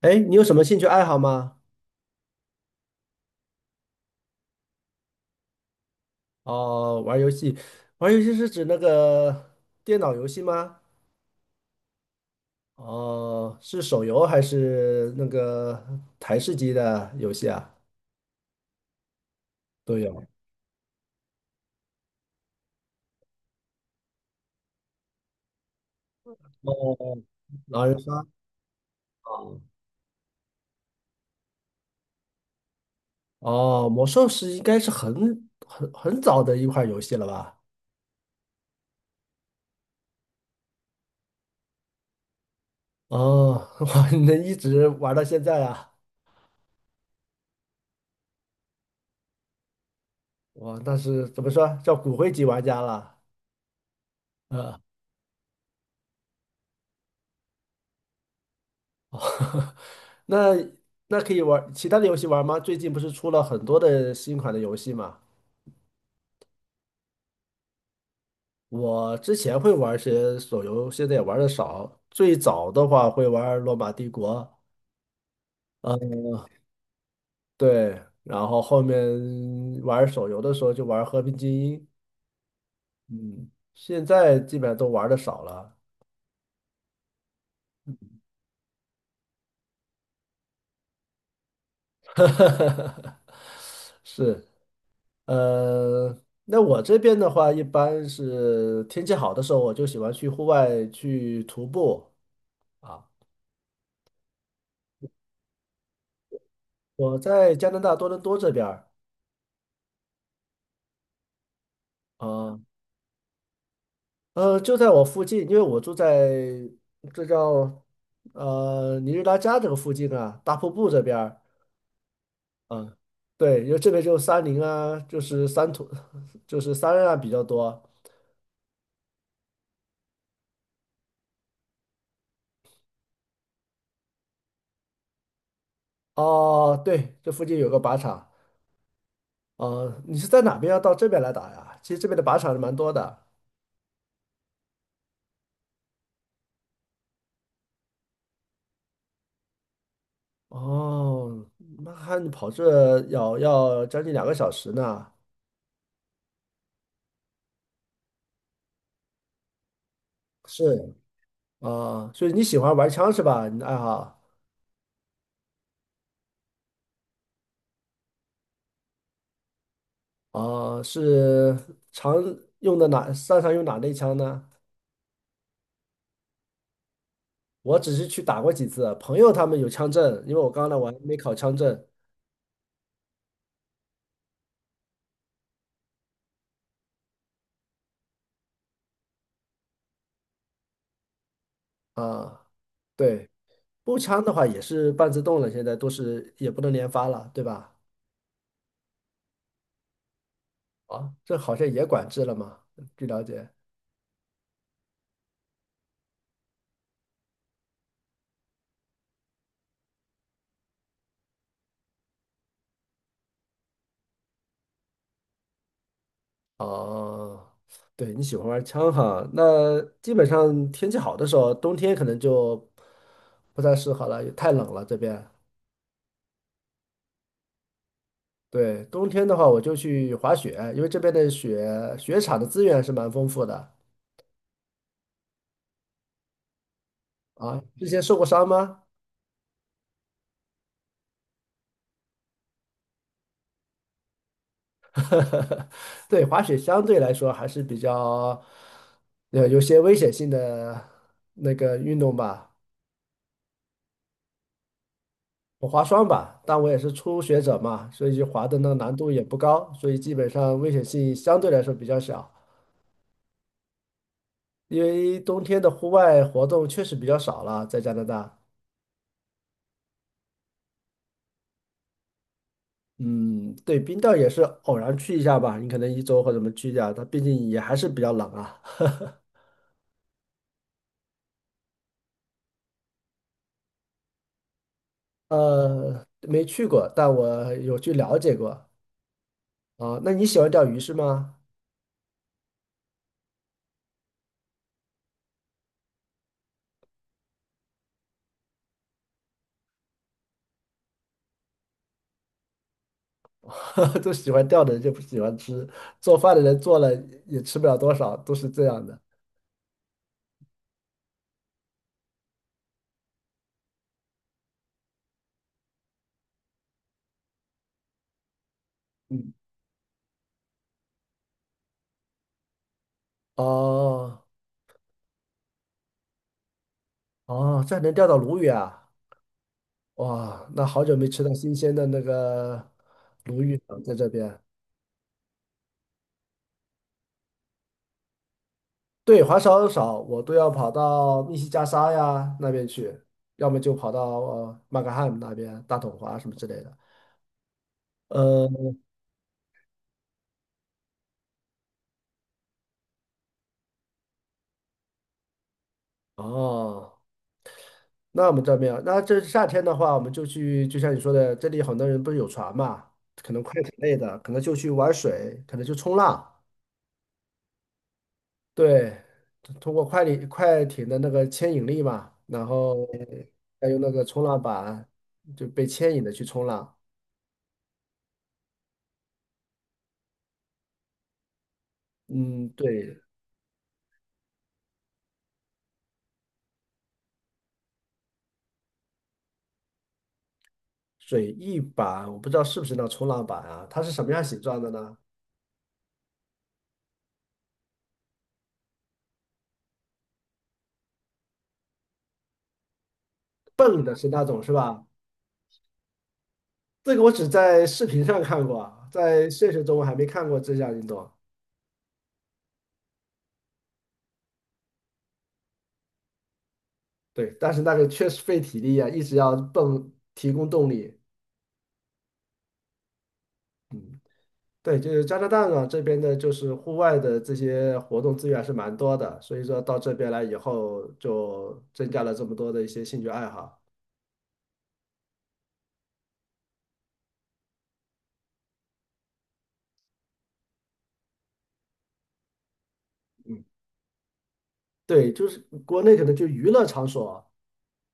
哎，你有什么兴趣爱好吗？哦，玩儿游戏，玩儿游戏是指那个电脑游戏吗？哦，是手游还是那个台式机的游戏啊？都有。哦，狼人杀啊哦，魔兽是应该是很早的一款游戏了吧？哦，哇，你能一直玩到现在啊？哇，那是怎么说叫骨灰级玩家了？呃那那可以玩儿其他的游戏玩吗？最近不是出了很多的新款的游戏嘛？我之前会玩些手游，现在也玩的少。最早的话会玩罗马帝国》，嗯，对，然后后面玩手游的时候就玩和平精英》，嗯，现在基本上都玩的少了。是，呃，那我这边的话，一般是天气好的时候，我就喜欢去户外去徒步。啊。我在加拿大多伦多这边儿啊，呃，就在我附近，因为我住在这叫呃尼日拉加这个附近啊，大瀑布这边儿啊，对，因为这边就是山林啊，就是山土，就是山啊比较多。哦，对，这附近有个靶场。呃，你是在哪边要到这边来打呀？其实这边的靶场是蛮多的。哦，那还你跑这要将近两个小时呢。是啊，所以你喜欢玩枪是吧？你的爱好。哦，是常用的哪，擅长用哪类枪呢？我只是去打过几次，朋友他们有枪证，因为我刚来我还没考枪证啊。对，步枪的话也是半自动了，现在都是也不能连发了，对吧？啊，这好像也管制了嘛，据了解。哦，对，你喜欢玩枪哈？那基本上天气好的时候，冬天可能就不太适合了，也太冷了这边。对，冬天的话，我就去滑雪，因为这边的雪场的资源是蛮丰富的啊。之前受过伤吗？对，滑雪相对来说还是比较有些危险性的那个运动吧，我滑双吧，但我也是初学者嘛，所以就滑的那个难度也不高，所以基本上危险性相对来说比较小。因为冬天的户外活动确实比较少了，在加拿大。嗯，对，冰钓也是偶然去一下吧，你可能一周或者什么去一下，它毕竟也还是比较冷啊。呃，没去过，但我有去了解过。啊，那你喜欢钓鱼是吗？都喜欢钓的人就不喜欢吃，做饭的人做了也吃不了多少，都是这样的。嗯，哦哦，这还能钓到鲈鱼啊！哇，那好久没吃到新鲜的那个鲈鱼了，在这边。对，滑少，我都要跑到密西加沙呀那边去，要么就跑到呃马克汉姆那边大统华什么之类的。呃，哦，那我们这边啊，那这夏天的话，我们就去，就像你说的，这里很多人不是有船嘛，可能快艇类的，可能就去玩水，可能去冲浪，对，通过快艇的那个牵引力嘛，然后再用那个冲浪板就被牵引的去冲浪。嗯，对，水翼板，我不知道是不是那种冲浪板啊？它是什么样形状的呢？蹦的是那种是吧？这个我只在视频上看过啊，在现实中我还没看过这项运动。对，但是那个确实费体力啊，一直要蹦，提供动力。嗯，对，就是加拿大呢这边的，就是户外的这些活动资源是蛮多的，所以说到这边来以后，就增加了这么多的一些兴趣爱好。嗯，对，就是国内可能就娱乐场所。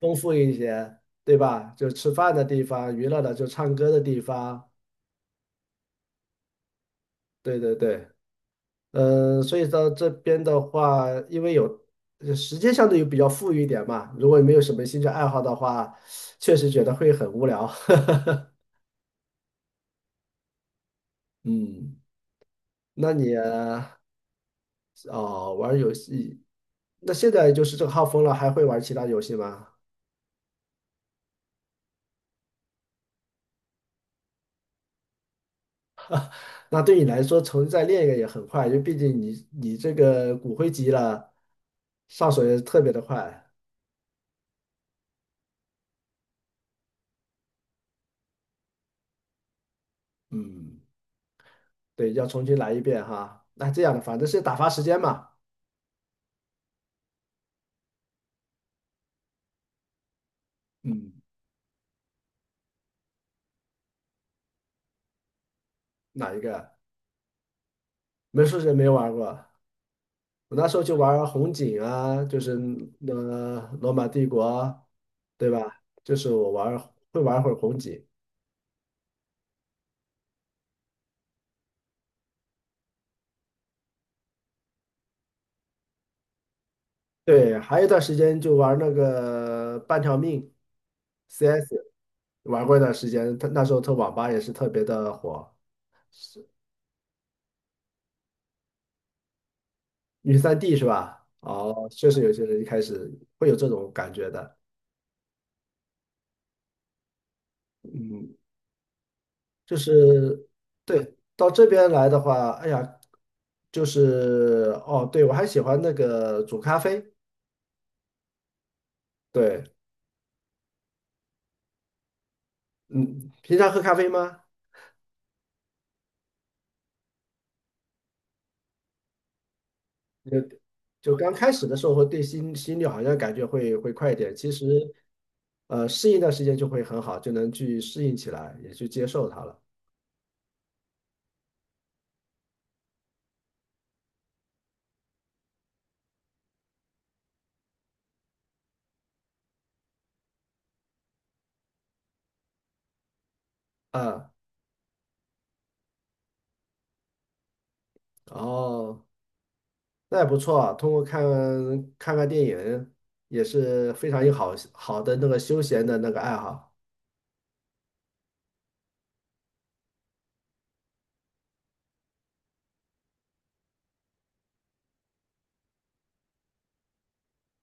丰富一些，对吧？就吃饭的地方，娱乐的就唱歌的地方，对对对，嗯，所以到这边的话，因为有呃时间相对于比较富裕一点嘛，如果你没有什么兴趣爱好的话，确实觉得会很无聊。嗯，那你哦玩游戏，那现在就是这个号封了，还会玩其他游戏吗？那对你来说，重新再练一个也很快，因为毕竟你这个骨灰级了，上手也特别的快。嗯。对，要重新来一遍哈。那这样的，反正是打发时间嘛。嗯，哪一个？美术师没玩过，我那时候就玩红警啊，就是呃罗马帝国，对吧？就是我玩会玩会儿红警。对，还有一段时间就玩那个半条命，CS 玩过一段时间，他那时候他网吧也是特别的火，女三 D 是吧？哦，确实有些人一开始会有这种感觉的，嗯，就是对，到这边来的话，哎呀，就是哦，对，我还喜欢那个煮咖啡。对，嗯，平常喝咖啡吗？就就刚开始的时候会对心率好像感觉会快一点，其实呃适应一段时间就会很好，就能去适应起来，也去接受它了。啊，哦，那也不错啊通过看电影也是非常有好的那个休闲的那个爱好，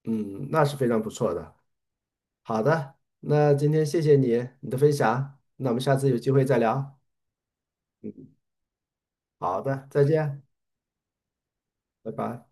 嗯，那是非常不错的。好的，那今天谢谢你的分享，那我们下次有机会再聊。好的，再见，拜拜。